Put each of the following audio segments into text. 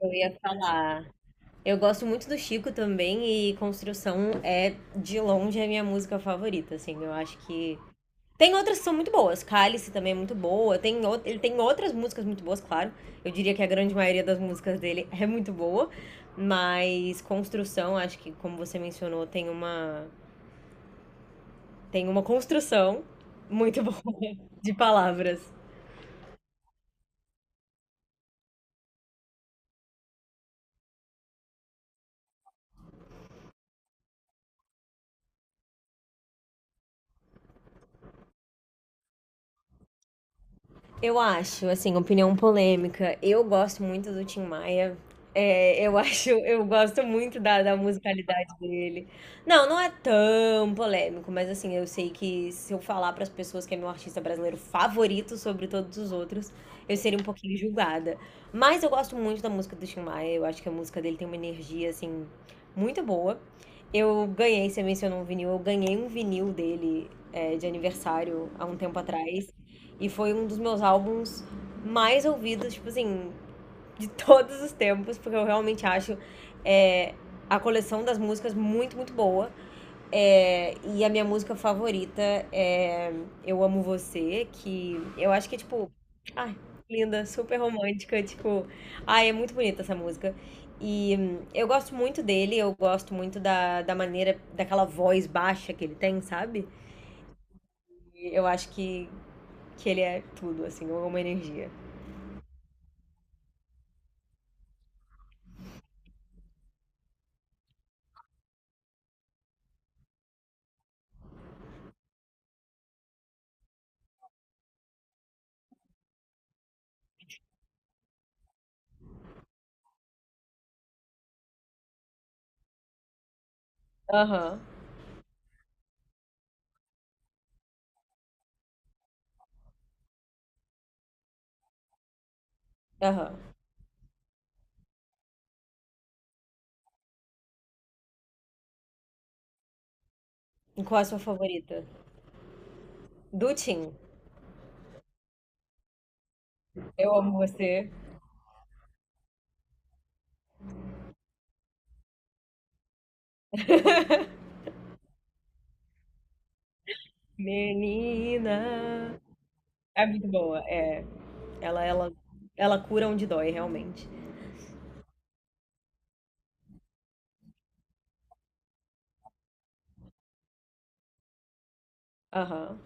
Eu ia falar. Eu gosto muito do Chico também e Construção é de longe a minha música favorita, assim. Eu acho que tem outras que são muito boas. Cálice também é muito boa. Ele tem outras músicas muito boas, claro. Eu diria que a grande maioria das músicas dele é muito boa, mas Construção, acho que como você mencionou, tem uma construção muito boa de palavras. Eu acho, assim, opinião polêmica. Eu gosto muito do Tim Maia. É, eu acho, eu gosto muito da musicalidade dele. Não, não é tão polêmico, mas assim, eu sei que se eu falar para as pessoas que é meu artista brasileiro favorito sobre todos os outros, eu seria um pouquinho julgada. Mas eu gosto muito da música do Tim Maia. Eu acho que a música dele tem uma energia assim muito boa. Eu ganhei, você mencionou um vinil, eu ganhei um vinil dele de aniversário há um tempo atrás. E foi um dos meus álbuns mais ouvidos, tipo assim, de todos os tempos, porque eu realmente acho é, a coleção das músicas muito, muito boa. É, e a minha música favorita é Eu Amo Você, que eu acho que é tipo. Ai, linda, super romântica, tipo. Ai, é muito bonita essa música. E eu gosto muito dele, eu gosto muito da maneira, daquela voz baixa que ele tem, sabe? E eu acho que ele é tudo, assim, uma energia. Aham, aham. E qual a sua favorita? Do Tim. Eu amo você, menina. É muito boa, é. Ela, ela, ela cura onde dói, realmente. Aham,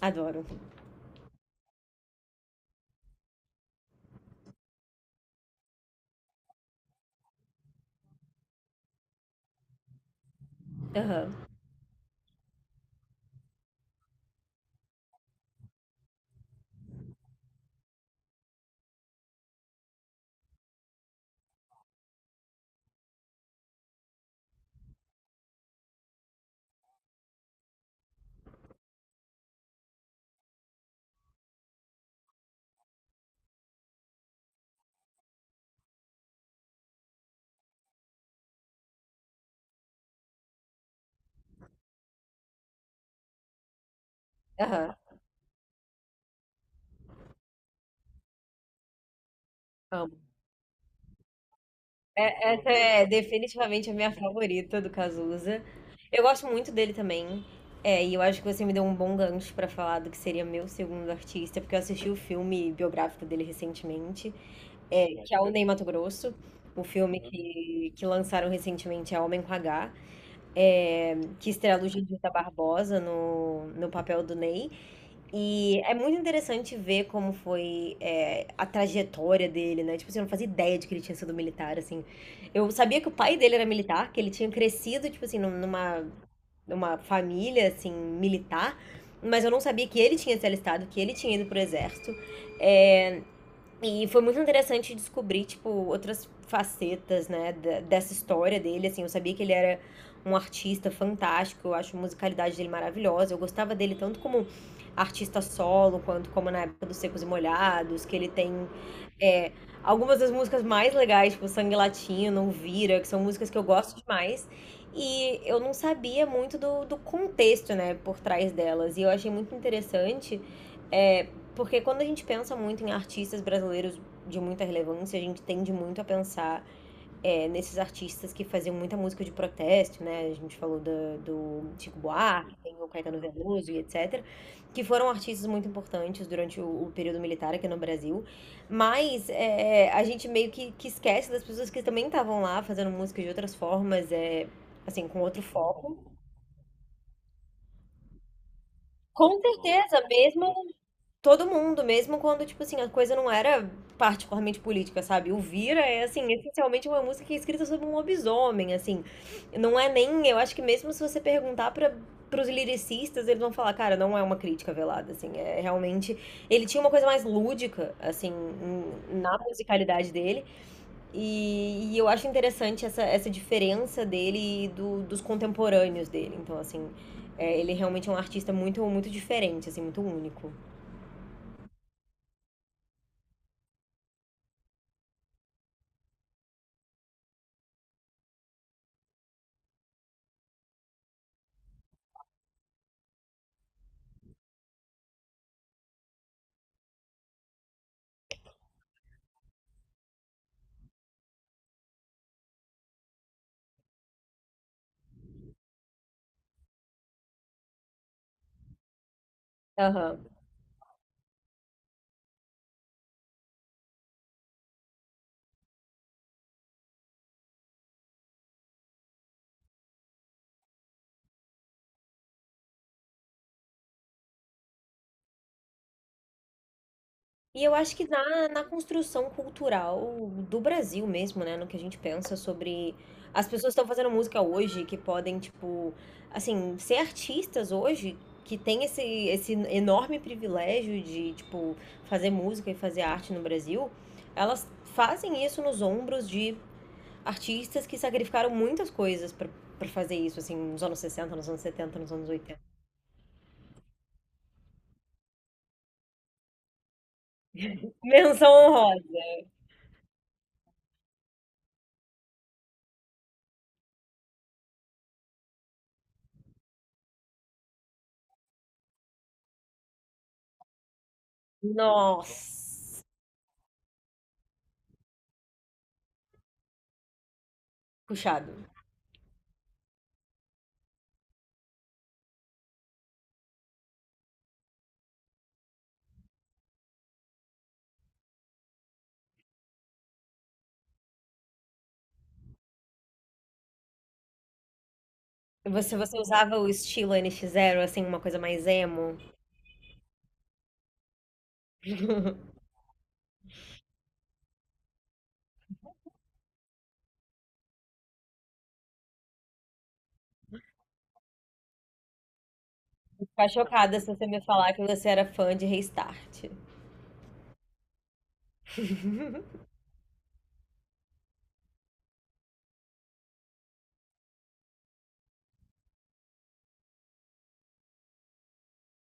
adoro. Aham, aham, amo. É- essa é definitivamente a minha favorita do Cazuza. Eu gosto muito dele também. É, e eu acho que você me deu um bom gancho pra falar do que seria meu segundo artista, porque eu assisti o filme biográfico dele recentemente. É, que é o Ney Matogrosso, o filme uhum. Que lançaram recentemente é Homem com H, é, que estrela o Judita Barbosa no, no papel do Ney. E é muito interessante ver como foi a trajetória dele, né? Tipo, assim, eu não fazia ideia de que ele tinha sido militar, assim. Eu sabia que o pai dele era militar, que ele tinha crescido, tipo assim, numa, numa família, assim, militar. Mas eu não sabia que ele tinha se alistado, que ele tinha ido pro exército. É, e foi muito interessante descobrir, tipo, outras facetas, né, dessa história dele, assim, eu sabia que ele era um artista fantástico, eu acho a musicalidade dele maravilhosa, eu gostava dele tanto como artista solo, quanto como na época dos Secos e Molhados, que ele tem é, algumas das músicas mais legais, tipo Sangue Latino, Vira, que são músicas que eu gosto demais, e eu não sabia muito do contexto, né, por trás delas, e eu achei muito interessante, é, porque quando a gente pensa muito em artistas brasileiros de muita relevância, a gente tende muito a pensar é, nesses artistas que faziam muita música de protesto, né? A gente falou do Chico Buarque, tem o Caetano Veloso e etc., que foram artistas muito importantes durante o período militar aqui no Brasil. Mas é, a gente meio que esquece das pessoas que também estavam lá fazendo música de outras formas, é, assim, com outro foco. Com certeza, mesmo todo mundo, mesmo quando, tipo assim, a coisa não era particularmente política, sabe? O Vira é, assim, essencialmente uma música que é escrita sobre um lobisomem, assim. Não é nem, eu acho que mesmo se você perguntar para pros lyricistas, eles vão falar, cara, não é uma crítica velada, assim, é realmente... Ele tinha uma coisa mais lúdica, assim, na musicalidade dele, e eu acho interessante essa, essa diferença dele e dos contemporâneos dele, então, assim, é, ele realmente é um artista muito, muito diferente, assim, muito único. Aham. E eu acho que na construção cultural do Brasil mesmo, né, no que a gente pensa sobre as pessoas estão fazendo música hoje, que podem, tipo, assim, ser artistas hoje, que tem esse, esse enorme privilégio de, tipo, fazer música e fazer arte no Brasil, elas fazem isso nos ombros de artistas que sacrificaram muitas coisas pra para fazer isso, assim, nos anos 60, nos anos 70, nos anos 80. Menção honrosa. Nossa, puxado. Você usava o estilo N nx Zero assim, uma coisa mais emo? Vou ficar chocada se você me falar que você era fã de Restart.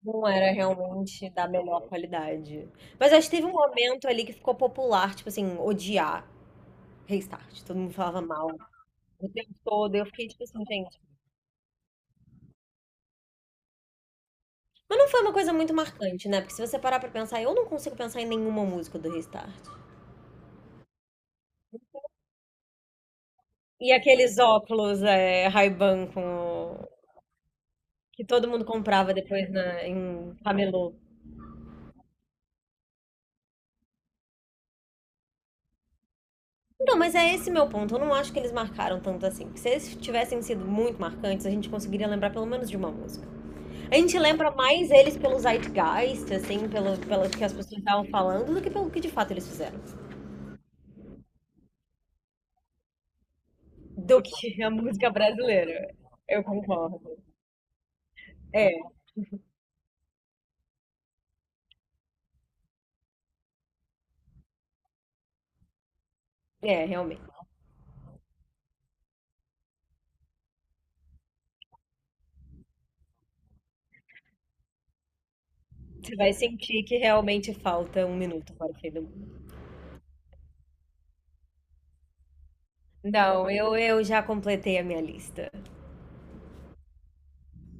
Não era realmente da melhor qualidade. Mas acho que teve um momento ali que ficou popular, tipo assim, odiar Restart. Todo mundo falava mal o tempo todo. Eu fiquei tipo assim, gente. Mas não foi uma coisa muito marcante, né? Porque se você parar pra pensar, eu não consigo pensar em nenhuma música do Restart. E aqueles óculos, é, Ray-Ban com. Que todo mundo comprava depois na, em camelô. Não, mas é esse meu ponto. Eu não acho que eles marcaram tanto assim. Porque se eles tivessem sido muito marcantes, a gente conseguiria lembrar pelo menos de uma música. A gente lembra mais eles pelo zeitgeist, assim, pelo, pelo que as pessoas estavam falando, do que pelo que de fato eles fizeram. Do que a música brasileira. Eu concordo. É, é, realmente. Você vai sentir que realmente falta um minuto para o fim do mundo. Não, eu já completei a minha lista.